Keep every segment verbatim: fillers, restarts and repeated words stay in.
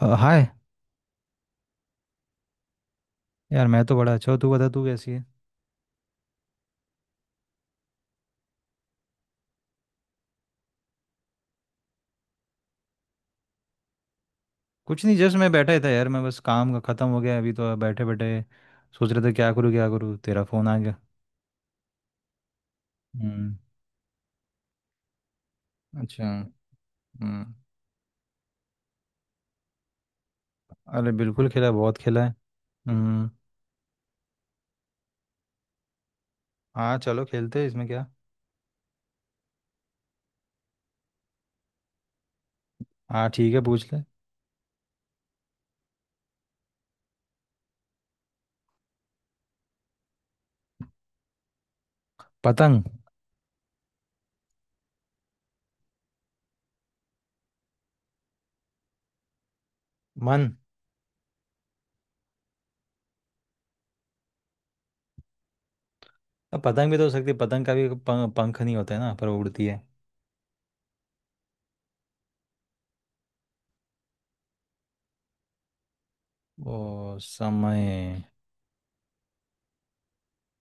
अ, hi. यार मैं तो बड़ा अच्छा हूँ। तू बता, तू कैसी है? कुछ नहीं, जस्ट मैं बैठा ही था यार। मैं बस, काम का ख़त्म हो गया अभी, तो बैठे बैठे सोच रहे थे क्या करूँ क्या करूँ, तेरा फ़ोन आ गया। हम्म। अच्छा। हम्म। अरे बिल्कुल खेला है, बहुत खेला है। हम्म। हाँ चलो, खेलते हैं इसमें क्या। हाँ ठीक है, पूछ ले। पतंग। मन। अब पतंग भी तो हो सकती है, पतंग का भी पंख, पंख नहीं होता है ना, पर वो उड़ती है। ओ, समय।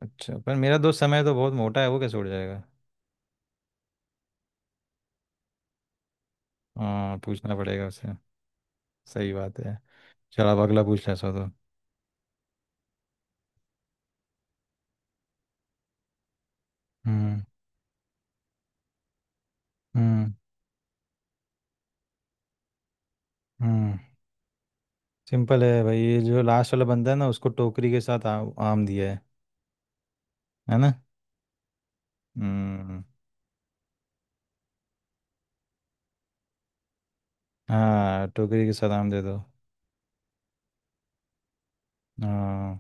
अच्छा पर मेरा दोस्त समय तो बहुत मोटा है, वो कैसे उड़ जाएगा? हाँ, पूछना पड़ेगा उसे। सही बात है। चल अब अगला पूछ ले ऐसा तो। हम्म। हम्म। हम्म। सिंपल है भाई, ये जो लास्ट वाला बंदा है ना, उसको टोकरी के साथ आ, आम दिया है। है ना। हम्म। हाँ, टोकरी के साथ आम दे दो। हाँ।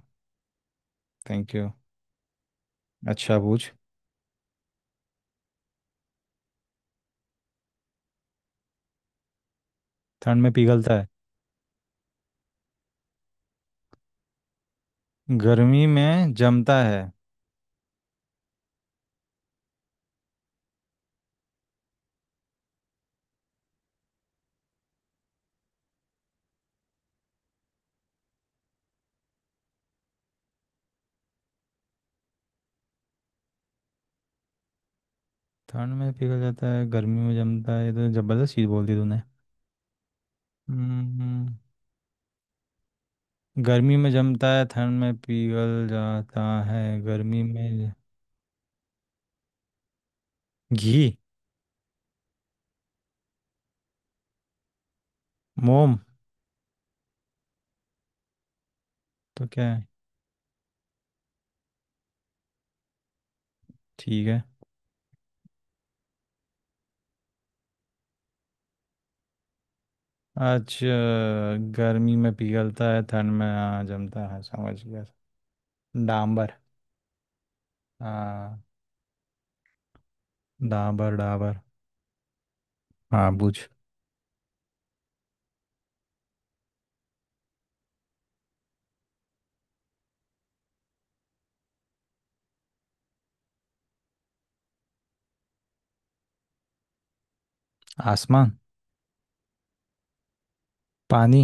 Thank you. अच्छा, पूछ। ठंड में पिघलता है? गर्मी में जमता है। ठंड में पिघल जाता है, गर्मी में जमता है, ये तो जबरदस्त चीज बोल दी तूने। हम्म। गर्मी में जमता है, ठंड में पिघल जाता है, गर्मी में। घी। मोम। तो क्या है? ठीक है। आज अ, गर्मी में पिघलता है, ठंड में, हाँ, जमता है, समझ गया। डांबर। हाँ। डांबर डाबर। हाँ, बुझ। आसमान। पानी।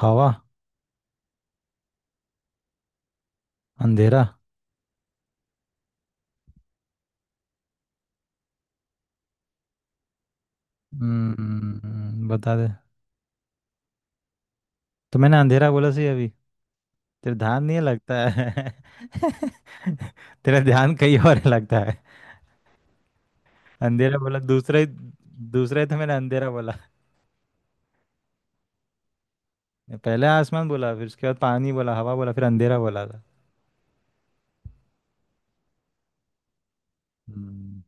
हवा। अंधेरा। हम्म, बता दे। तो मैंने अंधेरा बोला सही अभी। तेरा ध्यान नहीं है लगता है। तेरा ध्यान कहीं और है लगता है। अंधेरा बोला दूसरा ही। दूसरा ही तो मैंने अंधेरा बोला। पहले आसमान बोला, फिर उसके बाद पानी बोला, हवा बोला, फिर अंधेरा बोला था। हम्म।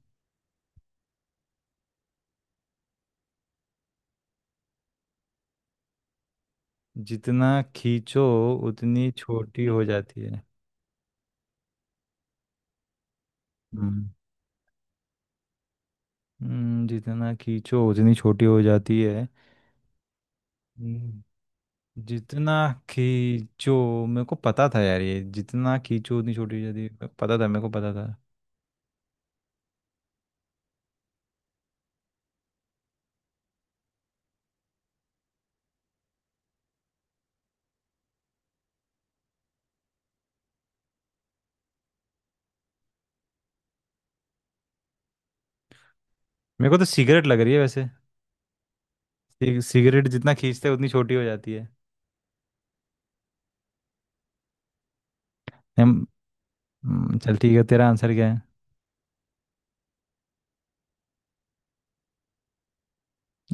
जितना खींचो उतनी छोटी हो जाती है? हम्म, हम्म, जितना खींचो उतनी छोटी हो जाती है। हम्म, जितना खींचो। मेरे को पता था यार, ये जितना खींचो उतनी छोटी हो जाती है, पता था मेरे को, पता था। मेरे को तो सिगरेट लग रही है वैसे। सिग- सिगरेट जितना खींचते हैं उतनी छोटी हो जाती है। हम। हम्म, चल ठीक है, तेरा आंसर क्या है?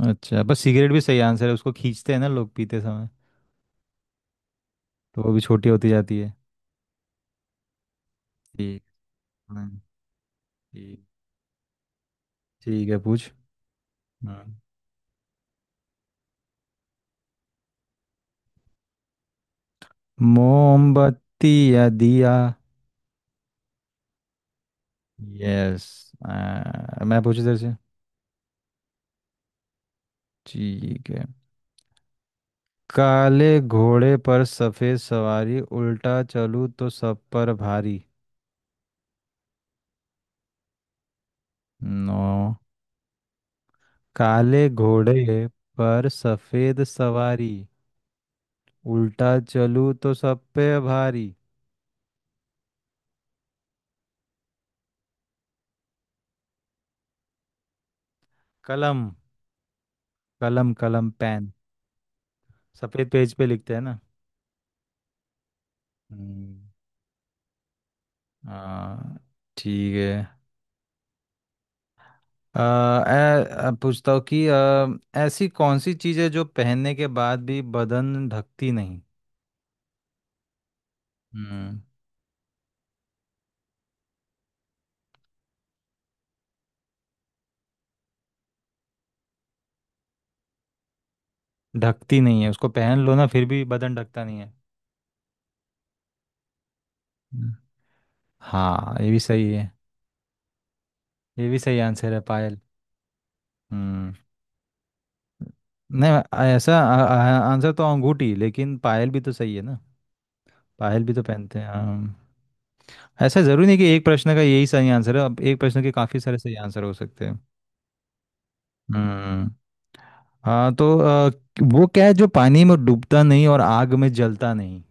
अच्छा बस, सिगरेट भी सही आंसर है, उसको खींचते हैं ना लोग पीते समय। तो वो भी छोटी होती जाती है। ठीक। हाँ। ठीक। ठीक है, पूछ। हाँ। मोमबत्ती या दिया। यस। मैं पूछू तेरे से। ठीक है। काले घोड़े पर सफेद सवारी, उल्टा चलूं तो सब पर भारी। नो। काले घोड़े पर सफेद सवारी, उल्टा चलूं तो सब पे भारी। कलम। कलम कलम, पेन। सफेद पेज पे लिखते हैं ना। हम्म। हाँ। ठीक है। अ, ऐ- अ, पूछता हूँ कि अ, ऐसी कौन सी चीज़ है जो पहनने के बाद भी बदन ढकती नहीं? हम्म। ढकती नहीं है, उसको पहन लो ना फिर भी बदन ढकता नहीं है। हम्म। हाँ, ये भी सही है। ये भी सही आंसर है, पायल। हम्म। नहीं, आ- ऐसा आ- आ- आंसर तो अंगूठी, लेकिन पायल भी तो सही है ना। पायल भी तो पहनते हैं हाँ। ऐसा ज़रूरी नहीं कि एक प्रश्न का यही सही आंसर है, अब एक प्रश्न के काफ़ी सारे सही आंसर हो सकते हैं। हम्म। हाँ तो अ, वो क्या है जो पानी में डूबता नहीं और आग में जलता नहीं?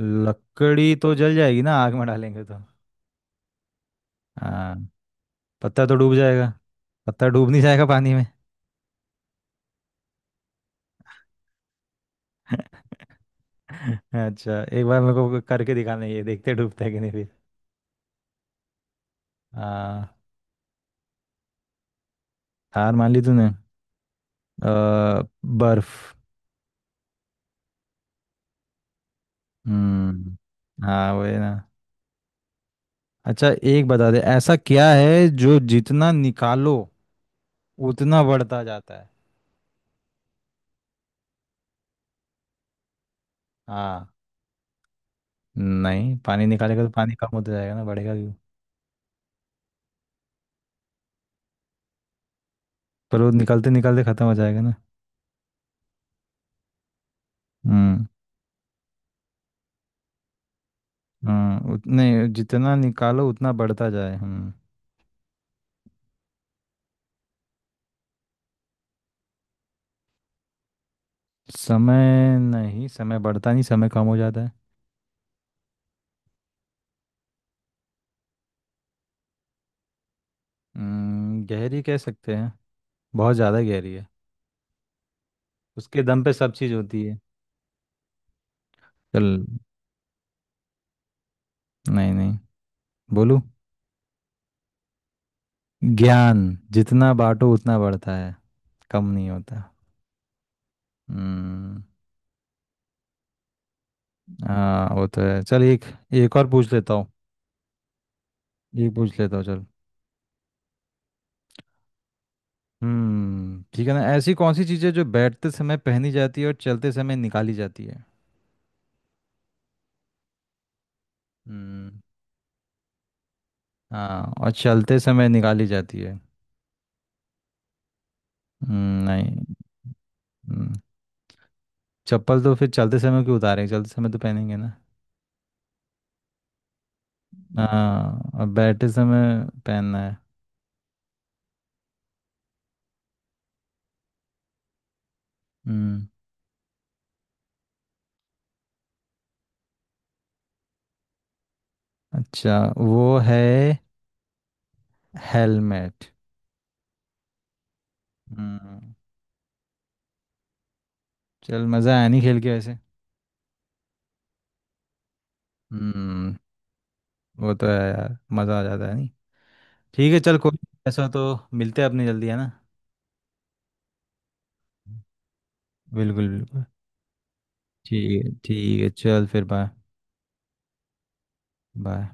लकड़ी तो जल जाएगी ना, आग में डालेंगे तो। हाँ। पत्ता तो डूब जाएगा। पत्ता डूब नहीं जाएगा पानी में? अच्छा एक बार मेरे को करके दिखाना, ये देखते डूबता है कि नहीं फिर। हाँ। हार मान ली तूने? अ, बर्फ। हम्म। हाँ वही ना। अच्छा एक बता दे, ऐसा क्या है जो जितना निकालो उतना बढ़ता जाता है? हाँ। नहीं, पानी निकालेगा तो पानी कम होता जाएगा ना, बढ़ेगा क्यों? पर वो निकालते निकालते ख़त्म हो जाएगा ना। हम्म। हम्म, उतने। जितना निकालो उतना बढ़ता जाए, हम्म। समय नहीं, समय बढ़ता नहीं, समय कम हो जाता है। हम्म, गहरी कह सकते हैं। बहुत ज़्यादा गहरी है। उसके दम पे सब चीज़ होती है। चल। नहीं, नहीं। बोलू। ज्ञान। जितना बांटो उतना बढ़ता है। कम नहीं होता। हम्म। हाँ वो तो है, चल एक। एक और पूछ लेता हूँ। एक पूछ लेता हूँ चल। हम्म, ठीक है ना, ऐसी कौन सी चीज़ें जो बैठते समय पहनी जाती है और चलते समय निकाली जाती है? हम्म। हाँ, और चलते समय निकाली जाती है। हम्म, नहीं। हम्म, चप्पल तो फिर चलते समय क्यों उतारेंगे, चलते समय तो पहनेंगे ना। हाँ, और बैठते समय पहनना है। हम्म। अच्छा वो है। हेलमेट। हम्म। चल मज़ा आया नहीं खेल के वैसे? हम्म। वो तो है यार, मज़ा आ जाता है नहीं। ठीक है चल, कोई नहीं, ऐसा तो मिलते हैं अपने जल्दी है ना। बिल्कुल बिल्कुल। ठीक है ठीक है, चल फिर बाय। बाय।